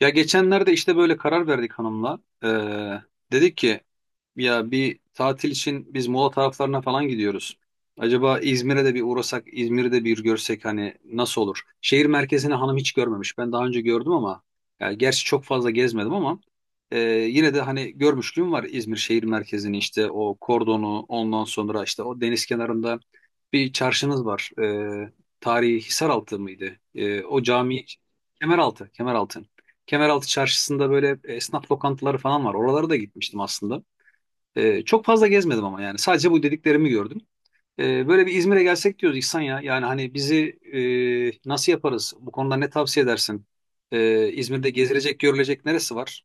Ya geçenlerde işte böyle karar verdik hanımla. Dedik ki ya bir tatil için biz Muğla taraflarına falan gidiyoruz. Acaba İzmir'e de bir uğrasak, İzmir'i de bir görsek hani nasıl olur? Şehir merkezini hanım hiç görmemiş. Ben daha önce gördüm ama yani gerçi çok fazla gezmedim ama yine de hani görmüşlüğüm var İzmir şehir merkezini işte o kordonu ondan sonra işte o deniz kenarında bir çarşınız var. Tarihi Hisaraltı mıydı? O cami Kemeraltı, Kemeraltı. Kemeraltı Çarşısı'nda böyle esnaf lokantaları falan var. Oralara da gitmiştim aslında. Çok fazla gezmedim ama yani sadece bu dediklerimi gördüm. Böyle bir İzmir'e gelsek diyoruz İhsan ya. Yani hani bizi nasıl yaparız? Bu konuda ne tavsiye edersin? İzmir'de gezilecek, görülecek neresi var?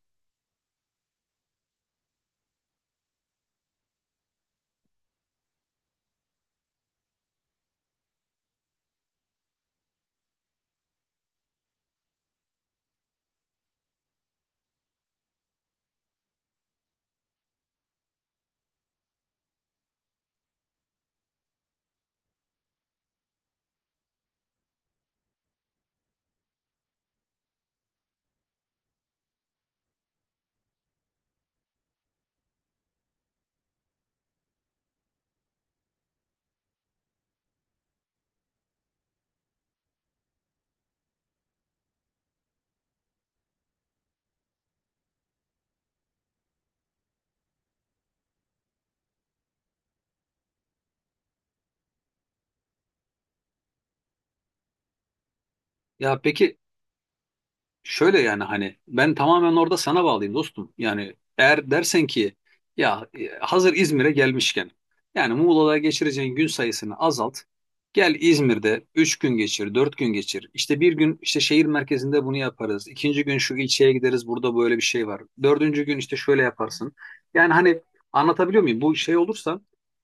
Ya peki, şöyle yani hani ben tamamen orada sana bağlıyım dostum. Yani eğer dersen ki ya hazır İzmir'e gelmişken yani Muğla'da geçireceğin gün sayısını azalt. Gel İzmir'de 3 gün geçir, 4 gün geçir. İşte bir gün işte şehir merkezinde bunu yaparız. İkinci gün şu ilçeye gideriz burada böyle bir şey var. Dördüncü gün işte şöyle yaparsın. Yani hani anlatabiliyor muyum? Bu şey olursa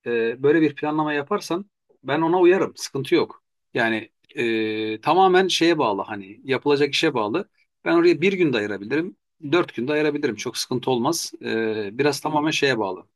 böyle bir planlama yaparsan ben ona uyarım. Sıkıntı yok. Yani tamamen şeye bağlı hani yapılacak işe bağlı. Ben oraya bir gün de ayırabilirim. Dört gün de ayırabilirim. Çok sıkıntı olmaz. Biraz tamamen şeye bağlı.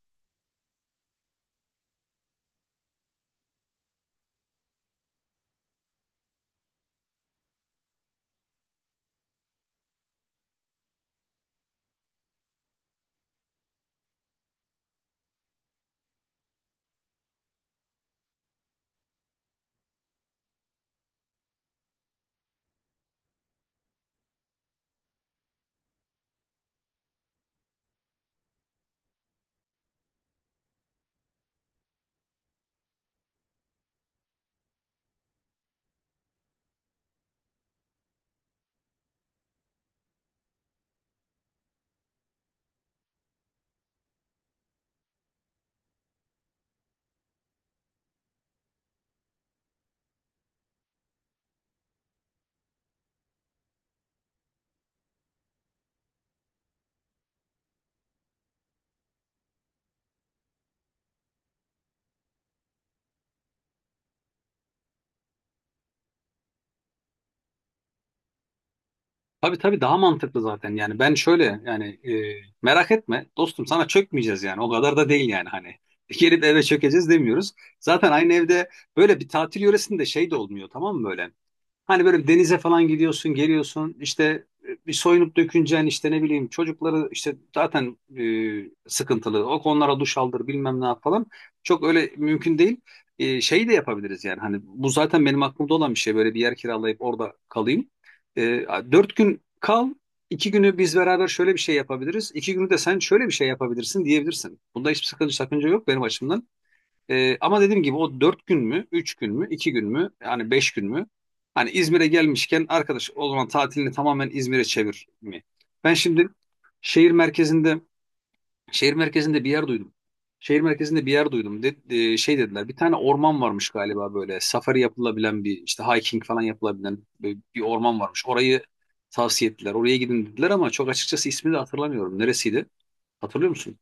Tabii tabii daha mantıklı zaten. Yani ben şöyle yani merak etme dostum sana çökmeyeceğiz yani. O kadar da değil yani hani. Gelip eve çökeceğiz demiyoruz. Zaten aynı evde böyle bir tatil yöresinde şey de olmuyor tamam mı böyle? Hani böyle denize falan gidiyorsun, geliyorsun işte bir soyunup döküneceksin işte ne bileyim çocukları işte zaten sıkıntılı. O konulara duş aldır bilmem ne yap falan. Çok öyle mümkün değil. Şey de yapabiliriz yani hani bu zaten benim aklımda olan bir şey böyle bir yer kiralayıp orada kalayım. E, dört gün kal, iki günü biz beraber şöyle bir şey yapabiliriz. İki günü de sen şöyle bir şey yapabilirsin diyebilirsin. Bunda hiçbir sakınca yok benim açımdan. Ama dediğim gibi o dört gün mü, üç gün mü, iki gün mü, yani beş gün mü? Hani İzmir'e gelmişken arkadaş o zaman tatilini tamamen İzmir'e çevir mi? Ben şimdi şehir merkezinde şehir merkezinde bir yer duydum. Şehir merkezinde bir yer duydum. Şey dediler bir tane orman varmış galiba böyle safari yapılabilen bir işte hiking falan yapılabilen bir orman varmış. Orayı tavsiye ettiler. Oraya gidin dediler ama çok açıkçası ismini de hatırlamıyorum. Neresiydi? Hatırlıyor musun?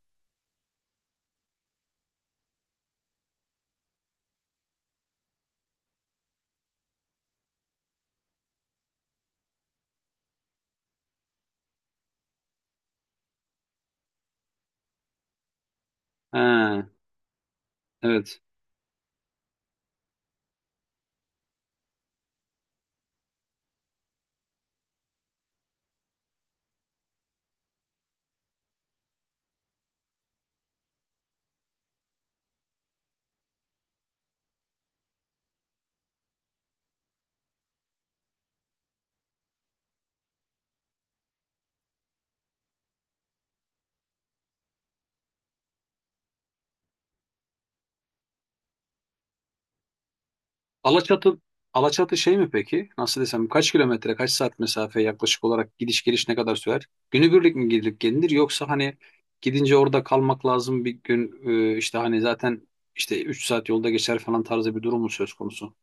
Ha, evet. Alaçatı Alaçatı şey mi peki? Nasıl desem kaç kilometre, kaç saat mesafe yaklaşık olarak gidiş geliş ne kadar sürer? Günübirlik mi gidilip gelinir yoksa hani gidince orada kalmak lazım bir gün işte hani zaten işte 3 saat yolda geçer falan tarzı bir durum mu söz konusu?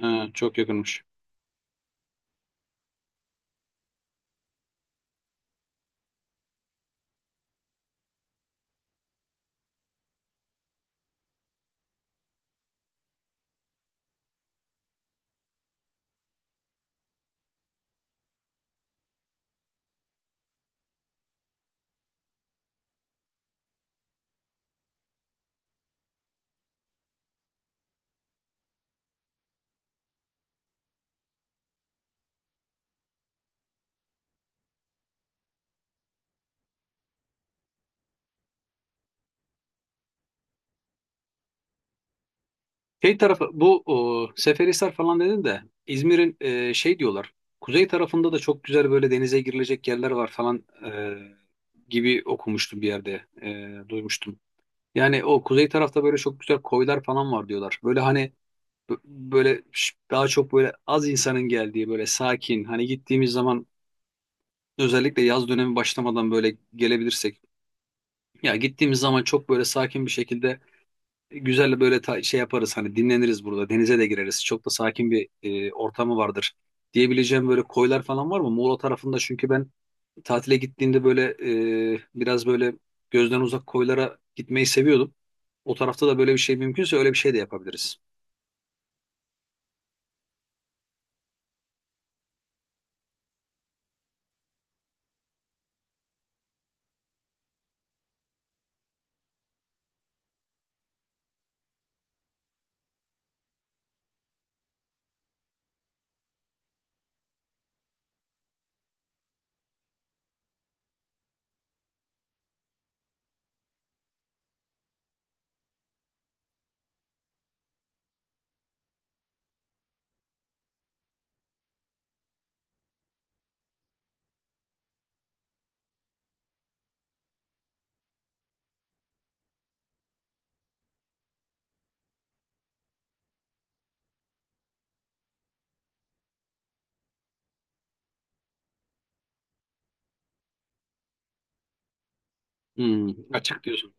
Ha, çok yakınmış. Şey tarafı bu o, Seferihisar falan dedin de İzmir'in şey diyorlar. Kuzey tarafında da çok güzel böyle denize girilecek yerler var falan gibi okumuştum bir yerde duymuştum. Yani o kuzey tarafta böyle çok güzel koylar falan var diyorlar. Böyle hani böyle daha çok böyle az insanın geldiği böyle sakin. Hani gittiğimiz zaman özellikle yaz dönemi başlamadan böyle gelebilirsek. Ya gittiğimiz zaman çok böyle sakin bir şekilde güzel böyle şey yaparız. Hani dinleniriz burada. Denize de gireriz. Çok da sakin bir ortamı vardır. Diyebileceğim böyle koylar falan var mı? Muğla tarafında çünkü ben tatile gittiğimde böyle biraz böyle gözden uzak koylara gitmeyi seviyordum. O tarafta da böyle bir şey mümkünse öyle bir şey de yapabiliriz. Hmm, açık diyorsun.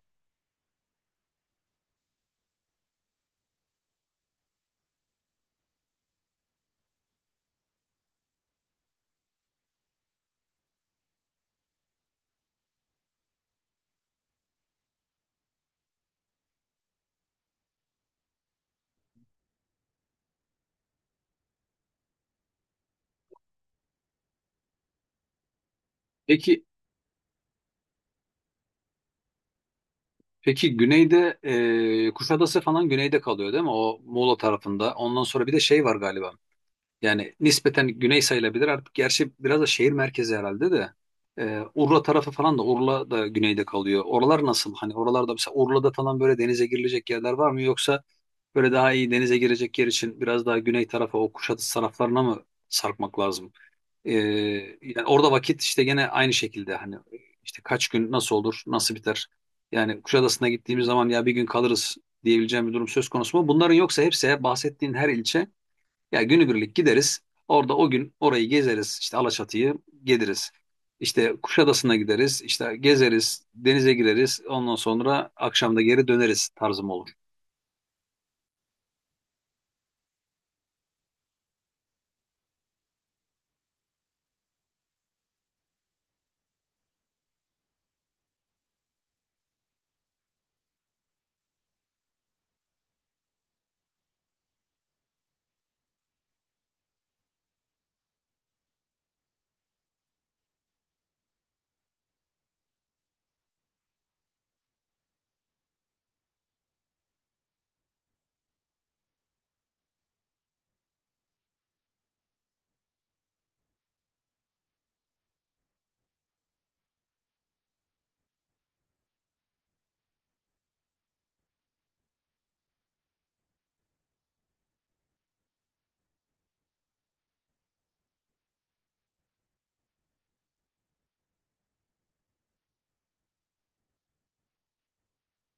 Peki peki güneyde Kuşadası falan güneyde kalıyor değil mi? O Muğla tarafında. Ondan sonra bir de şey var galiba. Yani nispeten güney sayılabilir artık. Gerçi biraz da şehir merkezi herhalde de. Urla tarafı falan da Urla da güneyde kalıyor. Oralar nasıl? Hani oralarda mesela Urla'da falan böyle denize girilecek yerler var mı? Yoksa böyle daha iyi denize girecek yer için biraz daha güney tarafa o Kuşadası taraflarına mı sarkmak lazım? Ee, yani orada vakit işte gene aynı şekilde hani işte kaç gün nasıl olur nasıl biter? Yani Kuşadası'na gittiğimiz zaman ya bir gün kalırız diyebileceğim bir durum söz konusu mu? Bunların yoksa hepsi bahsettiğin her ilçe ya günübirlik gideriz. Orada o gün orayı gezeriz işte Alaçatı'yı geliriz. İşte Kuşadası'na gideriz işte gezeriz denize gireriz ondan sonra akşam da geri döneriz tarzım olur.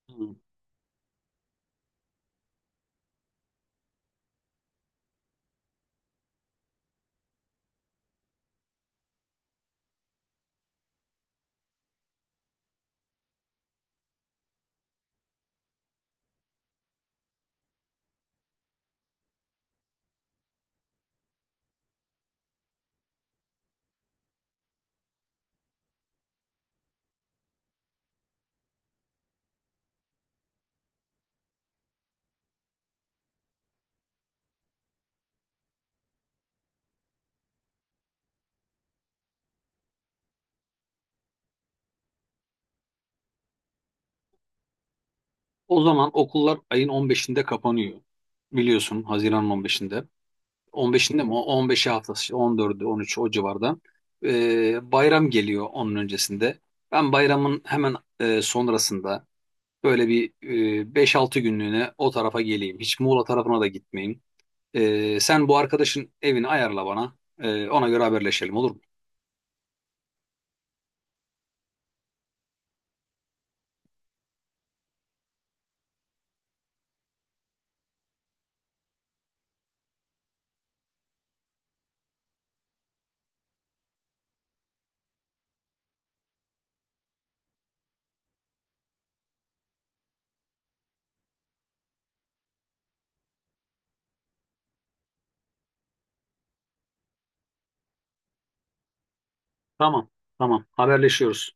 Hmm. O zaman okullar ayın 15'inde kapanıyor. Biliyorsun Haziran'ın 15'inde. 15'inde mi? O 15'i haftası 14'ü 13'ü o civarda. Bayram geliyor onun öncesinde. Ben bayramın hemen sonrasında böyle bir 5-6 günlüğüne o tarafa geleyim. Hiç Muğla tarafına da gitmeyeyim. Sen bu arkadaşın evini ayarla bana. Ona göre haberleşelim olur mu? Tamam. Tamam. Haberleşiyoruz.